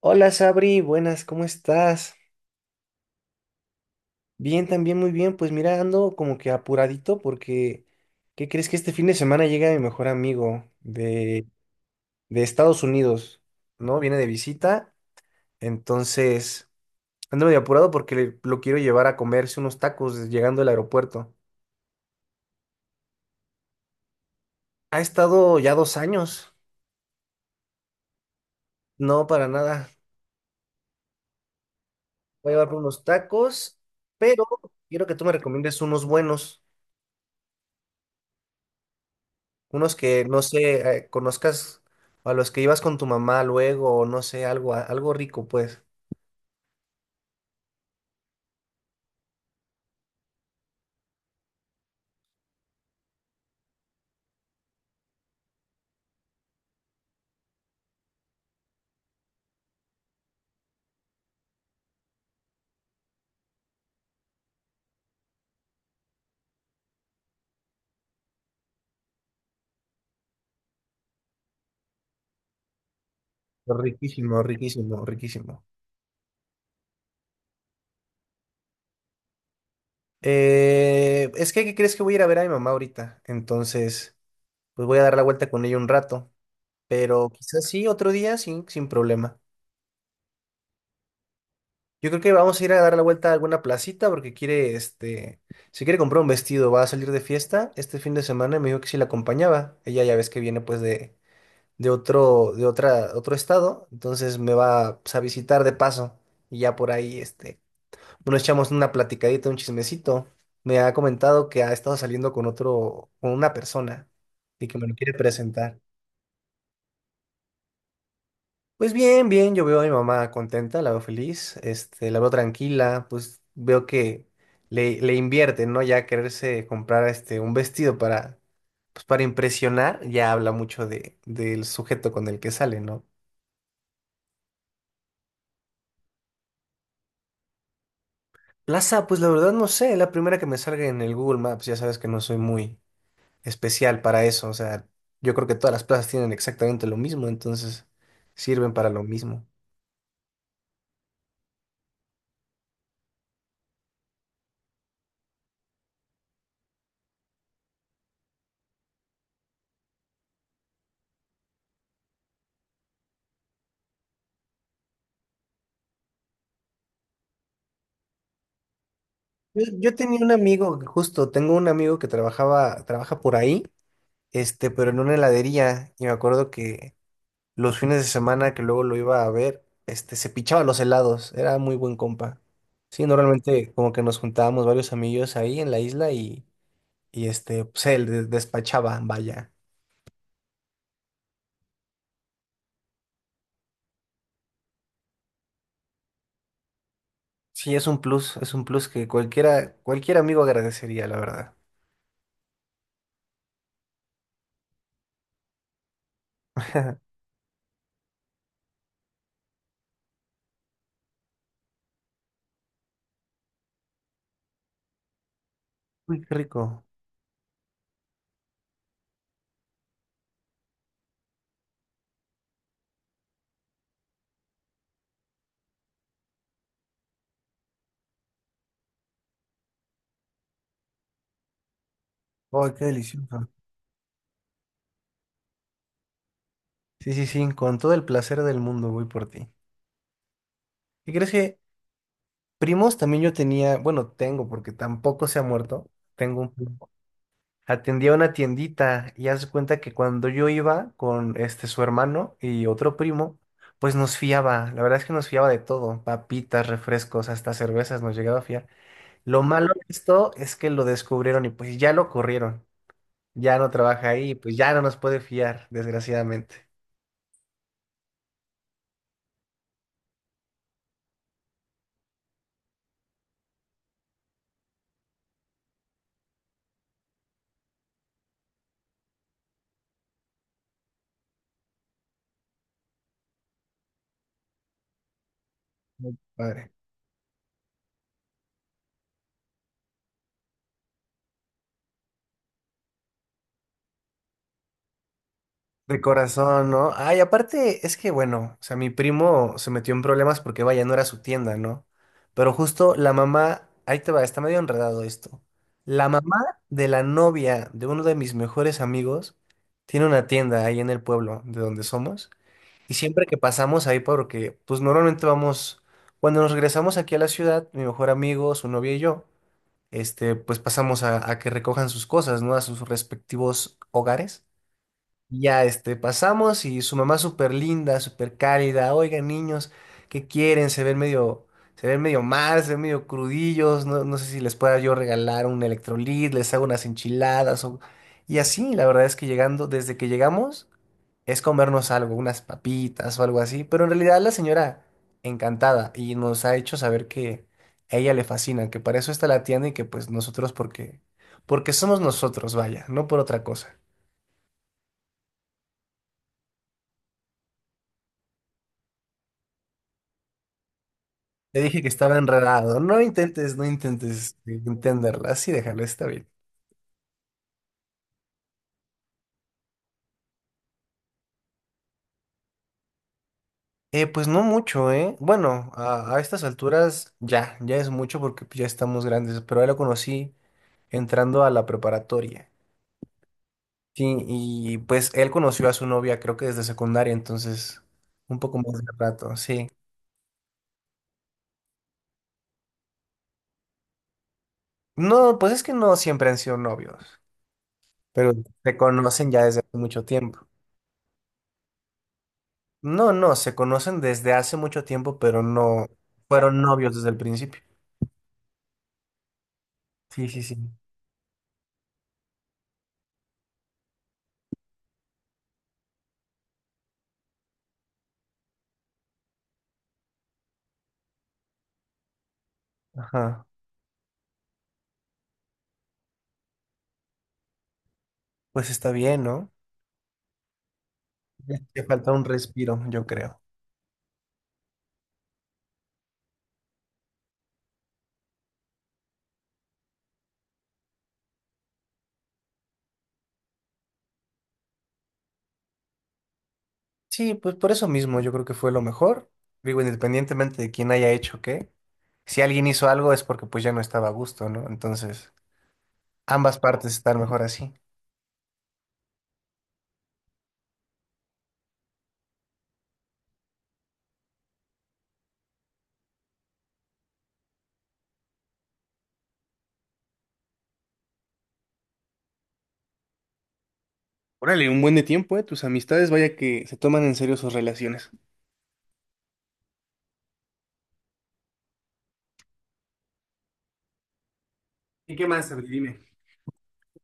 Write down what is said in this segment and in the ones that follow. Hola Sabri, buenas, ¿cómo estás? Bien, también muy bien. Pues mira, ando como que apuradito porque, ¿qué crees que este fin de semana llega mi mejor amigo de Estados Unidos, ¿no? Viene de visita, entonces ando medio apurado porque lo quiero llevar a comerse unos tacos llegando al aeropuerto. Ha estado ya 2 años, no para nada. Voy a llevar unos tacos, pero quiero que tú me recomiendes unos buenos. Unos que, no sé, conozcas a los que ibas con tu mamá luego, o no sé, algo, algo rico, pues. Riquísimo, riquísimo, riquísimo. Es que, ¿qué crees que voy a ir a ver a mi mamá ahorita? Entonces, pues voy a dar la vuelta con ella un rato, pero quizás sí, otro día, sí, sin problema. Yo creo que vamos a ir a dar la vuelta a alguna placita porque quiere, este, si quiere comprar un vestido, va a salir de fiesta este fin de semana y me dijo que si la acompañaba. Ella ya ves que viene pues de otro, de otra, otro estado, entonces me va pues, a visitar de paso y ya por ahí, este, nos echamos una platicadita, un chismecito. Me ha comentado que ha estado saliendo con otro, con una persona y que me lo quiere presentar. Pues bien, bien, yo veo a mi mamá contenta, la veo feliz, este, la veo tranquila, pues veo que le invierte, ¿no? Ya quererse comprar este, un vestido para, pues, para impresionar, ya habla mucho de, del sujeto con el que sale, ¿no? Plaza, pues la verdad no sé, la primera que me salga en el Google Maps, ya sabes que no soy muy especial para eso, o sea, yo creo que todas las plazas tienen exactamente lo mismo, entonces sirven para lo mismo. Yo tenía un amigo, justo, tengo un amigo que trabajaba, trabaja por ahí, este, pero en una heladería, y me acuerdo que los fines de semana que luego lo iba a ver, este, se pichaba los helados, era muy buen compa. Sí, normalmente como que nos juntábamos varios amigos ahí en la isla y este, pues él despachaba, vaya. Sí, es un plus que cualquiera, cualquier amigo agradecería, la verdad. Uy, qué rico. Ay, qué delicioso. Sí, sí, sí, con todo el placer del mundo voy por ti. ¿Y crees que primos también yo tenía, bueno, tengo porque tampoco se ha muerto, tengo un primo. Atendía una tiendita y haz de cuenta que cuando yo iba con este su hermano y otro primo, pues nos fiaba, la verdad es que nos fiaba de todo, papitas, refrescos, hasta cervezas nos llegaba a fiar. Lo malo de esto es que lo descubrieron y pues ya lo corrieron. Ya no trabaja ahí, pues ya no nos puede fiar, desgraciadamente. Muy padre. De corazón, ¿no? Ay, aparte, es que bueno, o sea, mi primo se metió en problemas porque vaya, no era su tienda, ¿no? Pero justo la mamá, ahí te va, está medio enredado esto. La mamá de la novia de uno de mis mejores amigos tiene una tienda ahí en el pueblo de donde somos. Y siempre que pasamos ahí, porque pues normalmente vamos, cuando nos regresamos aquí a la ciudad, mi mejor amigo, su novia y yo. Este, pues pasamos a que recojan sus cosas, ¿no? A sus respectivos hogares. Y ya, este, pasamos y su mamá súper linda, súper cálida. Oigan, niños, ¿qué quieren? Se ven medio mal, se ven medio crudillos. No, no sé si les pueda yo regalar un electrolit, les hago unas enchiladas o... Y así, la verdad es que llegando, desde que llegamos, es comernos algo, unas papitas o algo así. Pero en realidad la señora encantada y nos ha hecho saber que a ella le fascina, que para eso está la tienda y que pues nosotros porque, porque somos nosotros, vaya, no por otra cosa. Te dije que estaba enredado. No intentes, entenderla. Así déjalo, está bien. Pues no mucho, ¿eh? Bueno, a estas alturas ya, ya es mucho porque ya estamos grandes, pero él lo conocí entrando a la preparatoria. Sí, y pues él conoció a su novia creo que desde secundaria, entonces un poco más de rato, sí. No, pues es que no siempre han sido novios, pero se conocen ya desde hace mucho tiempo. No, no, se conocen desde hace mucho tiempo, pero no fueron novios desde el principio. Sí, sí, sí. Ajá. Pues está bien, ¿no? Te falta un respiro, yo creo. Sí, pues por eso mismo yo creo que fue lo mejor. Digo, independientemente de quién haya hecho qué, si alguien hizo algo es porque pues ya no estaba a gusto, ¿no? Entonces, ambas partes están mejor así. Órale, un buen de tiempo, ¿eh? Tus amistades, vaya que se toman en serio sus relaciones. ¿Y qué más, Abdi? Dime.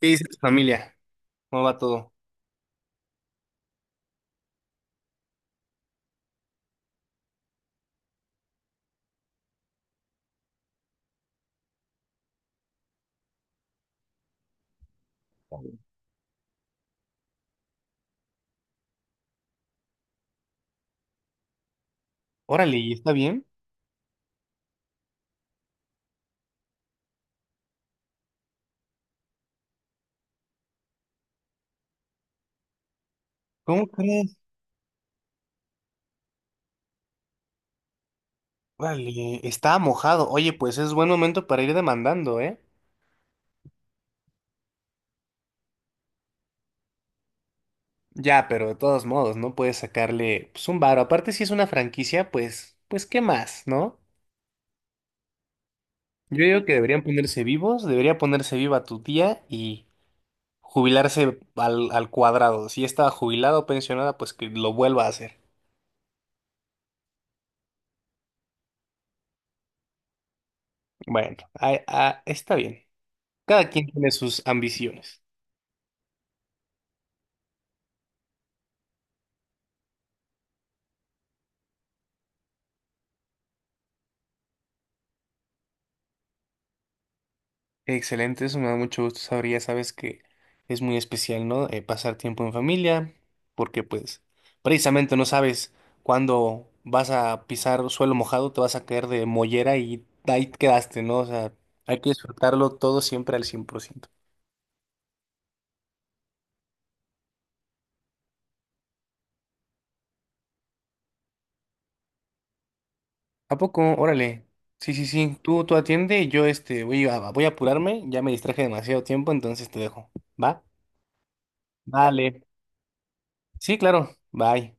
¿Qué dice tu familia? ¿Cómo va todo? Órale, ¿y está bien? ¿Cómo crees? Órale, está mojado. Oye, pues es buen momento para ir demandando, ¿eh? Ya, pero de todos modos, ¿no? Puedes sacarle pues, un varo. Aparte, si es una franquicia, pues, pues, ¿qué más, no? Yo digo que deberían ponerse vivos, debería ponerse viva tu tía y jubilarse al cuadrado. Si ya estaba jubilada o pensionada, pues que lo vuelva a hacer. Bueno, ah, ah, está bien. Cada quien tiene sus ambiciones. Excelente, eso me da mucho gusto saber, ya sabes que es muy especial, ¿no? Pasar tiempo en familia, porque pues precisamente no sabes cuándo vas a pisar suelo mojado, te vas a caer de mollera y ahí quedaste, ¿no? O sea, hay que disfrutarlo todo siempre al 100%. ¿A poco? Órale. Sí, sí, sí, tú atiende y yo este, voy a apurarme, ya me distraje demasiado tiempo, entonces te dejo. ¿Va? Vale. Sí, claro. Bye.